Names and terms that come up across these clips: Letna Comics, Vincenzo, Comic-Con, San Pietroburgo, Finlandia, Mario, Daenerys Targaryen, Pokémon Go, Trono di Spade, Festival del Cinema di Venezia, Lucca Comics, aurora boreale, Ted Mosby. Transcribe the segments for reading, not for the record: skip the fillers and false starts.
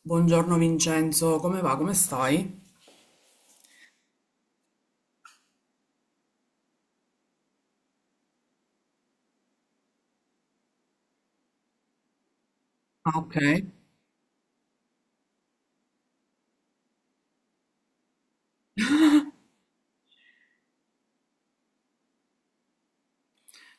Buongiorno Vincenzo, come va? Come stai? Ah, ok.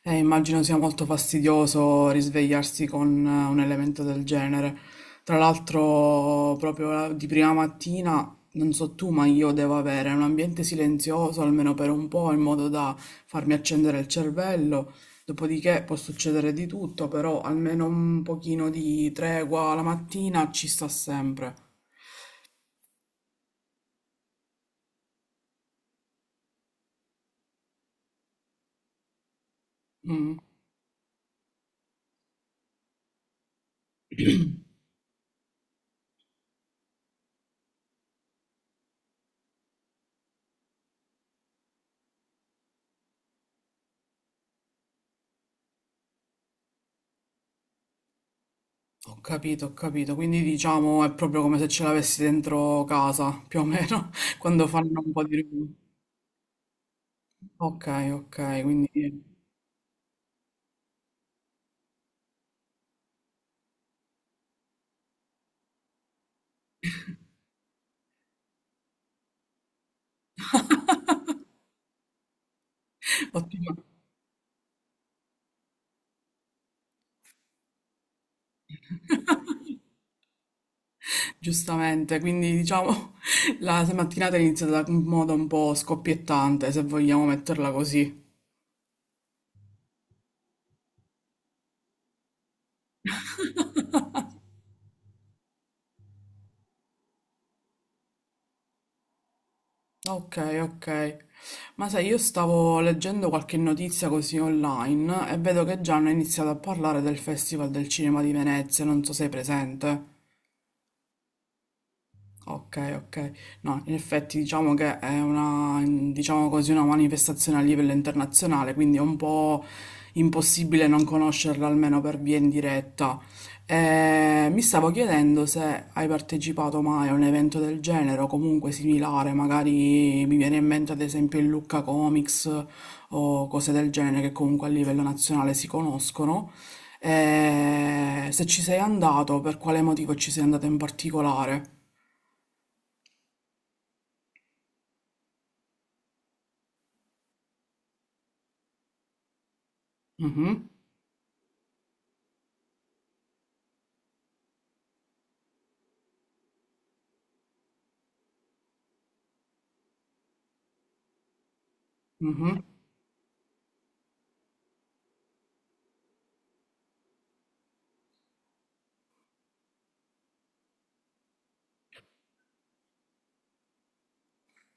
Immagino sia molto fastidioso risvegliarsi con un elemento del genere. Tra l'altro, proprio di prima mattina, non so tu, ma io devo avere un ambiente silenzioso almeno per un po', in modo da farmi accendere il cervello. Dopodiché può succedere di tutto, però almeno un pochino di tregua la mattina ci sta sempre. Mm. Ho capito, ho capito. Quindi diciamo è proprio come se ce l'avessi dentro casa, più o meno, quando fanno un po' di rumore. Ok, ok, quindi ottima. Giustamente, quindi diciamo la mattinata è iniziata in modo un po' scoppiettante, se vogliamo metterla così. Ok, ok. Ma sai, io stavo leggendo qualche notizia così online e vedo che già hanno iniziato a parlare del Festival del Cinema di Venezia, non so se sei presente. Ok, ok. No, in effetti diciamo che è una, diciamo così, una manifestazione a livello internazionale, quindi è un po' impossibile non conoscerla almeno per via indiretta. Mi stavo chiedendo se hai partecipato mai a un evento del genere o comunque similare, magari mi viene in mente ad esempio il Lucca Comics o cose del genere che comunque a livello nazionale si conoscono. Se ci sei andato, per quale motivo ci sei andato in particolare? Mhm, mhm.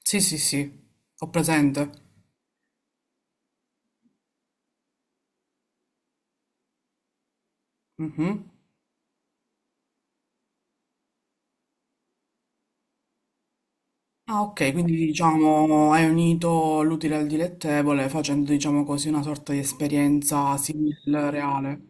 Sì, sì, sì, ho presente. Mhm. Ah, ok, quindi diciamo hai unito l'utile al dilettevole facendo, diciamo così, una sorta di esperienza simile al reale.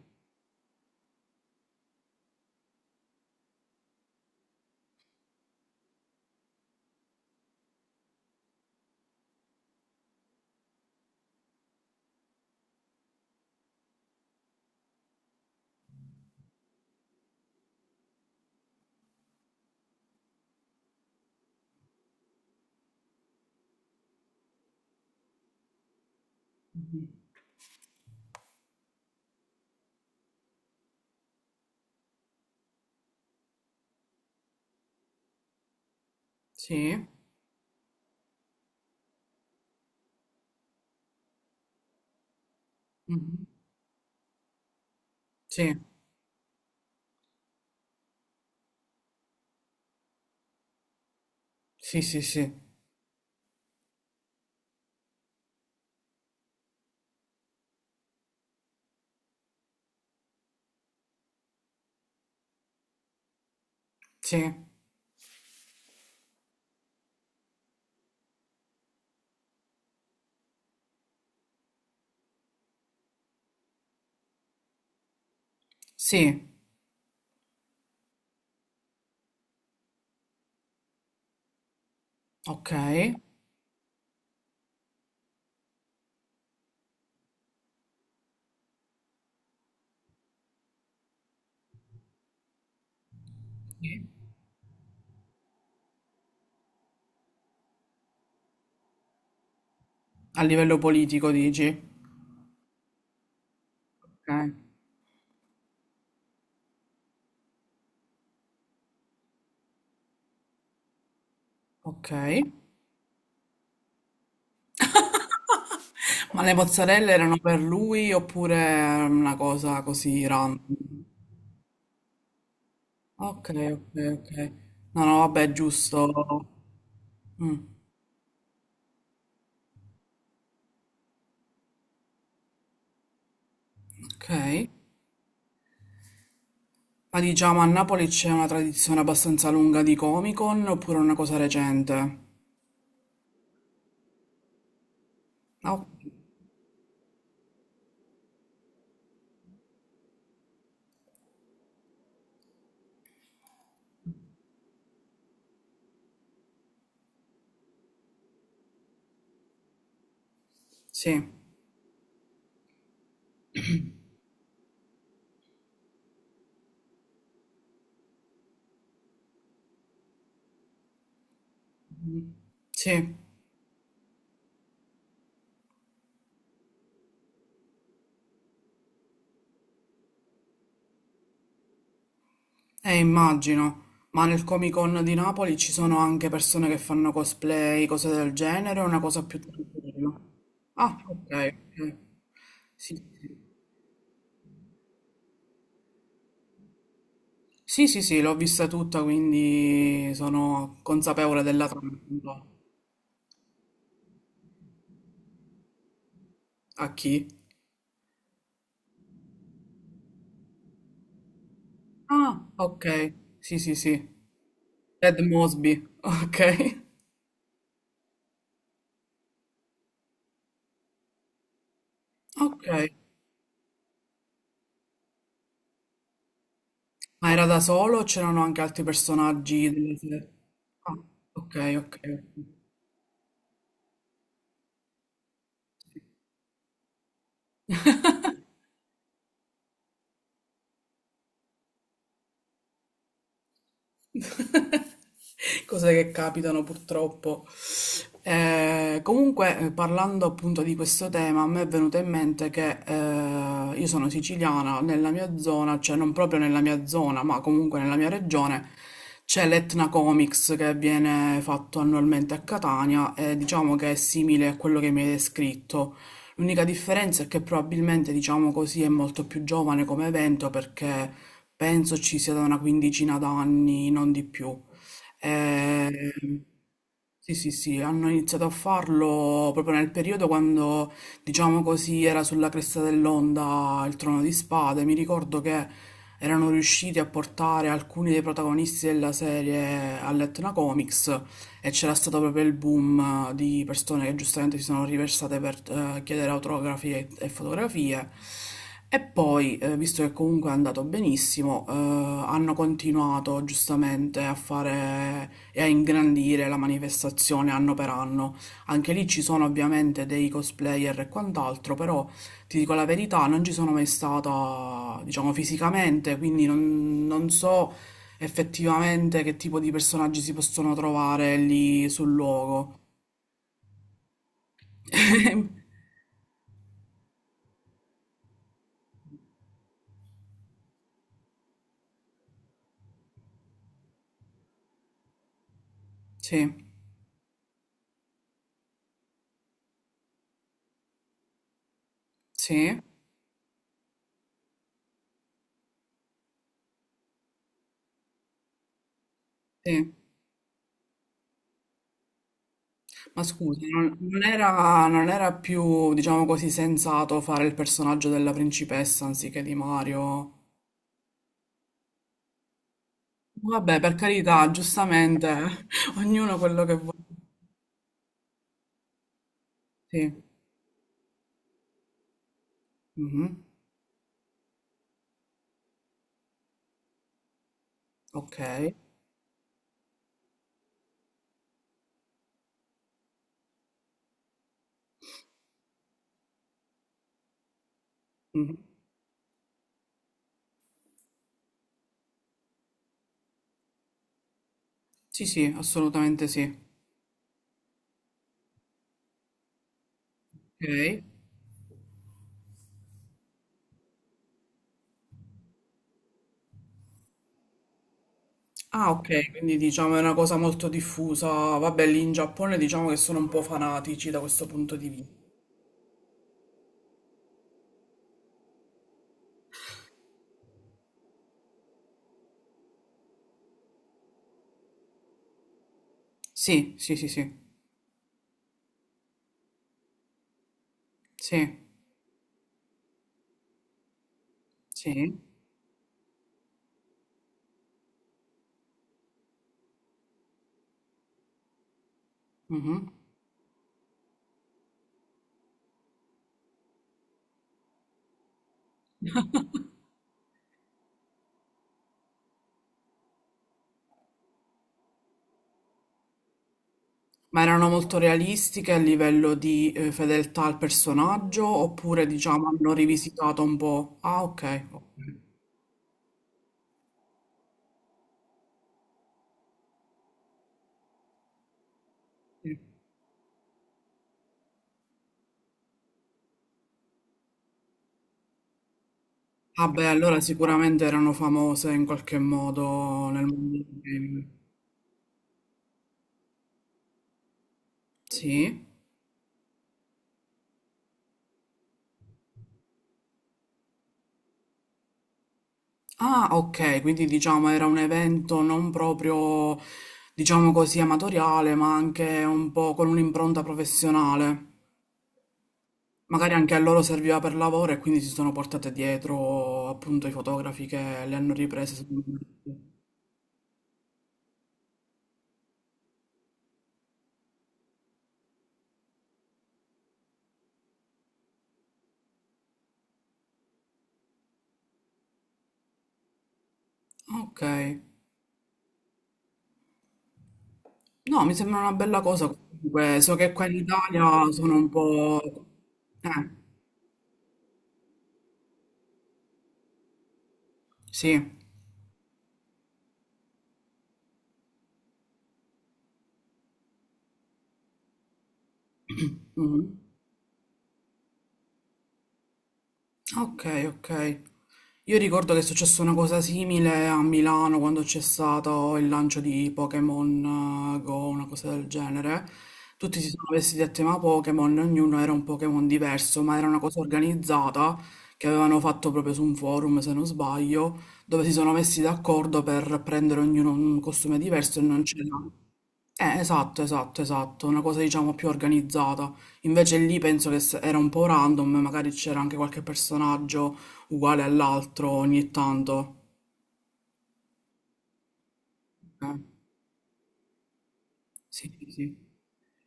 Sì, Mhm. Sì, sì, sì, sì, sì, sì, ok. Sì. A livello politico dici? Ok, ok. Ma le mozzarelle erano per lui oppure era una cosa così random? Ok, ok, ok. No, no, vabbè, è giusto. Mm, ok. Ma diciamo a Napoli c'è una tradizione abbastanza lunga di Comic-Con oppure una cosa recente? No? Sì. Mm, sì, immagino. Ma nel Comic-Con di Napoli ci sono anche persone che fanno cosplay, cose del genere, o è una cosa più tranquilla? Ah, ok, ok. Sì, sì, sì, sì, sì, l'ho vista tutta, quindi sono consapevole della trama. A chi? Ah, ok. Sì, sì, sì. Ted Mosby. Ok. Ok. Ma era da solo o c'erano anche altri personaggi della serie? Ah, ok, ok. Ok. Cose che capitano purtroppo. Comunque, parlando appunto di questo tema, a me è venuto in mente che io sono siciliana, nella mia zona, cioè non proprio nella mia zona, ma comunque nella mia regione, c'è l'Etna Comics che viene fatto annualmente a Catania e diciamo che è simile a quello che mi hai descritto. L'unica differenza è che probabilmente, diciamo così, è molto più giovane come evento perché penso ci sia da una quindicina d'anni, non di più. Ehm, sì, sì, sì, hanno iniziato a farlo proprio nel periodo quando, diciamo così, era sulla cresta dell'onda il Trono di Spade. Mi ricordo che erano riusciti a portare alcuni dei protagonisti della serie a Letna Comics e c'era stato proprio il boom di persone che giustamente si sono riversate per chiedere autografi e fotografie. E poi, visto che comunque è andato benissimo, hanno continuato giustamente a fare e a ingrandire la manifestazione anno per anno. Anche lì ci sono ovviamente dei cosplayer e quant'altro, però ti dico la verità, non ci sono mai stata, diciamo, fisicamente, quindi non so effettivamente che tipo di personaggi si possono trovare lì sul luogo. Sì, sì, sì. Ma scusi, non era più, diciamo così, sensato fare il personaggio della principessa anziché di Mario? Vabbè, per carità, giustamente, ognuno quello che vuole. Sì. Mhm. Ok. Mhm. Sì, sì, assolutamente sì. Ok. Ah, ok, quindi diciamo è una cosa molto diffusa. Vabbè, lì in Giappone diciamo che sono un po' fanatici da questo punto di vista. Sì, sì, sì, sì, sì, sì. Mhm. Ma erano molto realistiche a livello di fedeltà al personaggio oppure diciamo hanno rivisitato un po'? Ah, ok. Ok. Vabbè, allora sicuramente erano famose in qualche modo nel mondo del gaming. Sì. Ah, ok, quindi diciamo era un evento non proprio, diciamo così, amatoriale, ma anche un po' con un'impronta professionale. Magari anche a loro serviva per lavoro e quindi si sono portate dietro appunto i fotografi che le hanno riprese. Sicuramente. Ok, no, mi sembra una bella cosa comunque, so che qua in Italia sono un po'... Eh, sì. Mhm. Ok, ok. Io ricordo che è successa una cosa simile a Milano quando c'è stato il lancio di Pokémon Go, una cosa del genere. Tutti si sono vestiti a tema Pokémon, ognuno era un Pokémon diverso, ma era una cosa organizzata che avevano fatto proprio su un forum, se non sbaglio, dove si sono messi d'accordo per prendere ognuno un costume diverso e non c'era. Esatto, esatto, esatto, una cosa diciamo più organizzata. Invece lì penso che era un po' random, magari c'era anche qualche personaggio uguale all'altro ogni tanto. Eh, sì, sì. Sì.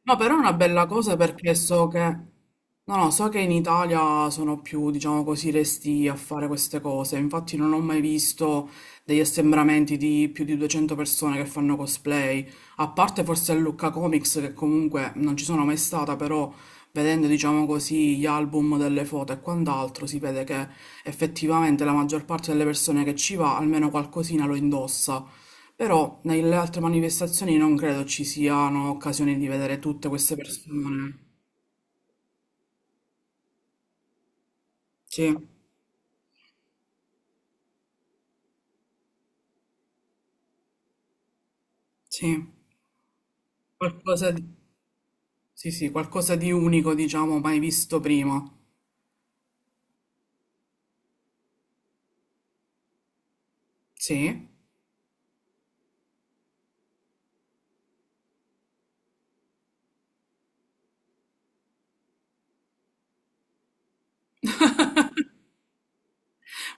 No, però è una bella cosa perché so che, no, no, so che in Italia sono più, diciamo così, resti a fare queste cose. Infatti non ho mai visto degli assembramenti di più di 200 persone che fanno cosplay, a parte forse a Lucca Comics che comunque non ci sono mai stata, però vedendo, diciamo così, gli album delle foto e quant'altro, si vede che effettivamente la maggior parte delle persone che ci va almeno qualcosina lo indossa. Però nelle altre manifestazioni non credo ci siano occasioni di vedere tutte queste persone. Sì, sì, qualcosa di, sì, sì, qualcosa di unico, diciamo, mai visto prima. Sì.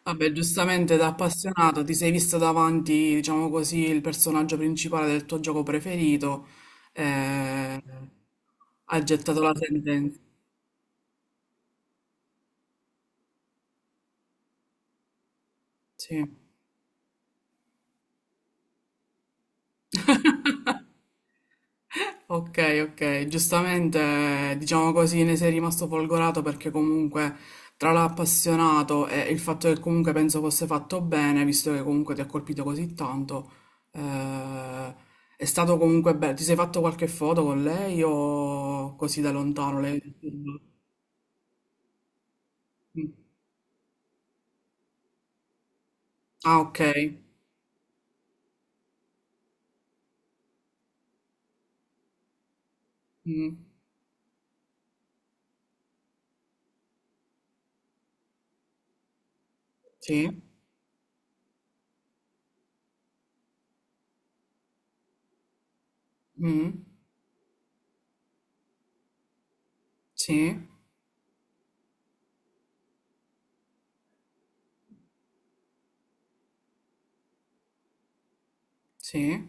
Vabbè, giustamente da appassionato ti sei visto davanti, diciamo così, il personaggio principale del tuo gioco preferito. eh, Ha gettato la sentenza. Sì. Ok, ok, giustamente diciamo così ne sei rimasto folgorato perché comunque tra l'appassionato e il fatto che comunque penso fosse fatto bene, visto che comunque ti ha colpito così tanto, eh, è stato comunque bello. Ti sei fatto qualche foto con lei o così da lontano? Lei... Mm. Ah, ok. Mm. Sì, Mm. Sì, sì,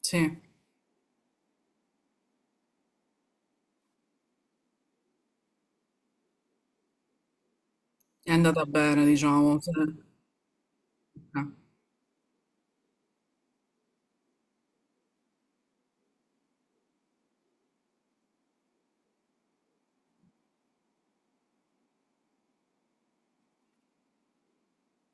sì, è andata bene, diciamo. Sì.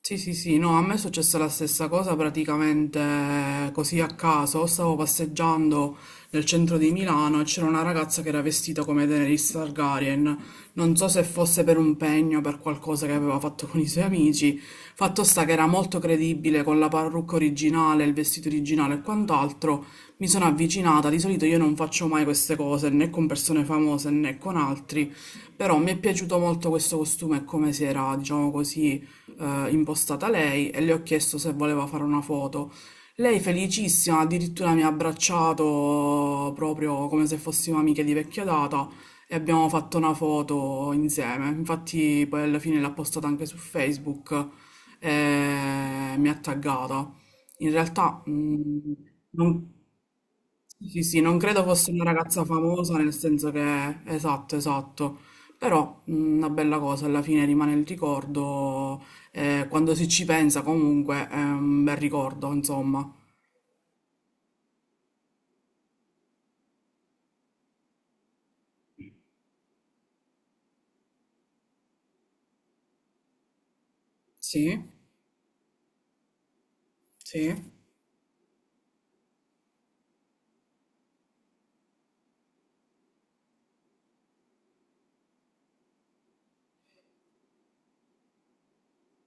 Sì, sì, sì, no, a me è successa la stessa cosa praticamente così a caso. Stavo passeggiando nel centro di Milano e c'era una ragazza che era vestita come Daenerys Targaryen. Non so se fosse per un pegno, per qualcosa che aveva fatto con i suoi amici. Fatto sta che era molto credibile con la parrucca originale, il vestito originale e quant'altro. Mi sono avvicinata, di solito io non faccio mai queste cose né con persone famose né con altri, però mi è piaciuto molto questo costume e come si era, diciamo così, impostata lei e le ho chiesto se voleva fare una foto. Lei felicissima, addirittura mi ha abbracciato proprio come se fossimo amiche di vecchia data e abbiamo fatto una foto insieme. Infatti poi alla fine l'ha postata anche su Facebook e mi ha taggata. In realtà mm, non, sì, sì, non credo fosse una ragazza famosa, nel senso che, esatto, esatto, però una bella cosa, alla fine rimane il ricordo, quando si ci pensa comunque è un bel ricordo, insomma. Sì, sì,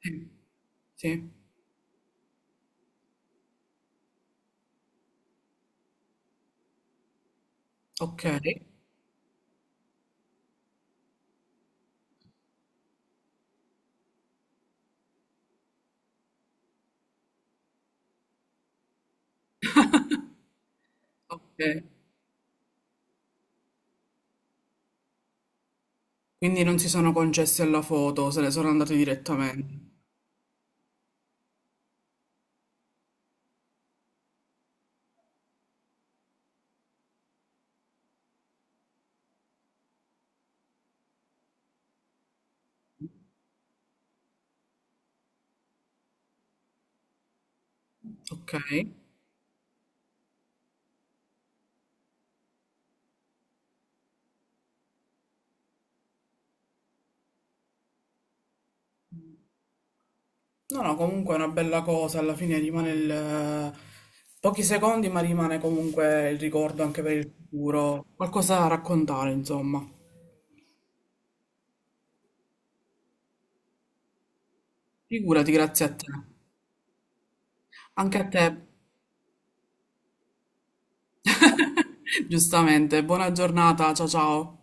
sì, sì. Ok, ok. Quindi non si sono concessi alla foto, se le sono andate direttamente. Ok, no, no, comunque è una bella cosa, alla fine rimane il... pochi secondi, ma rimane comunque il ricordo anche per il futuro, qualcosa da raccontare, insomma. Figurati, grazie a te. Anche a te. Giustamente, buona giornata, ciao ciao.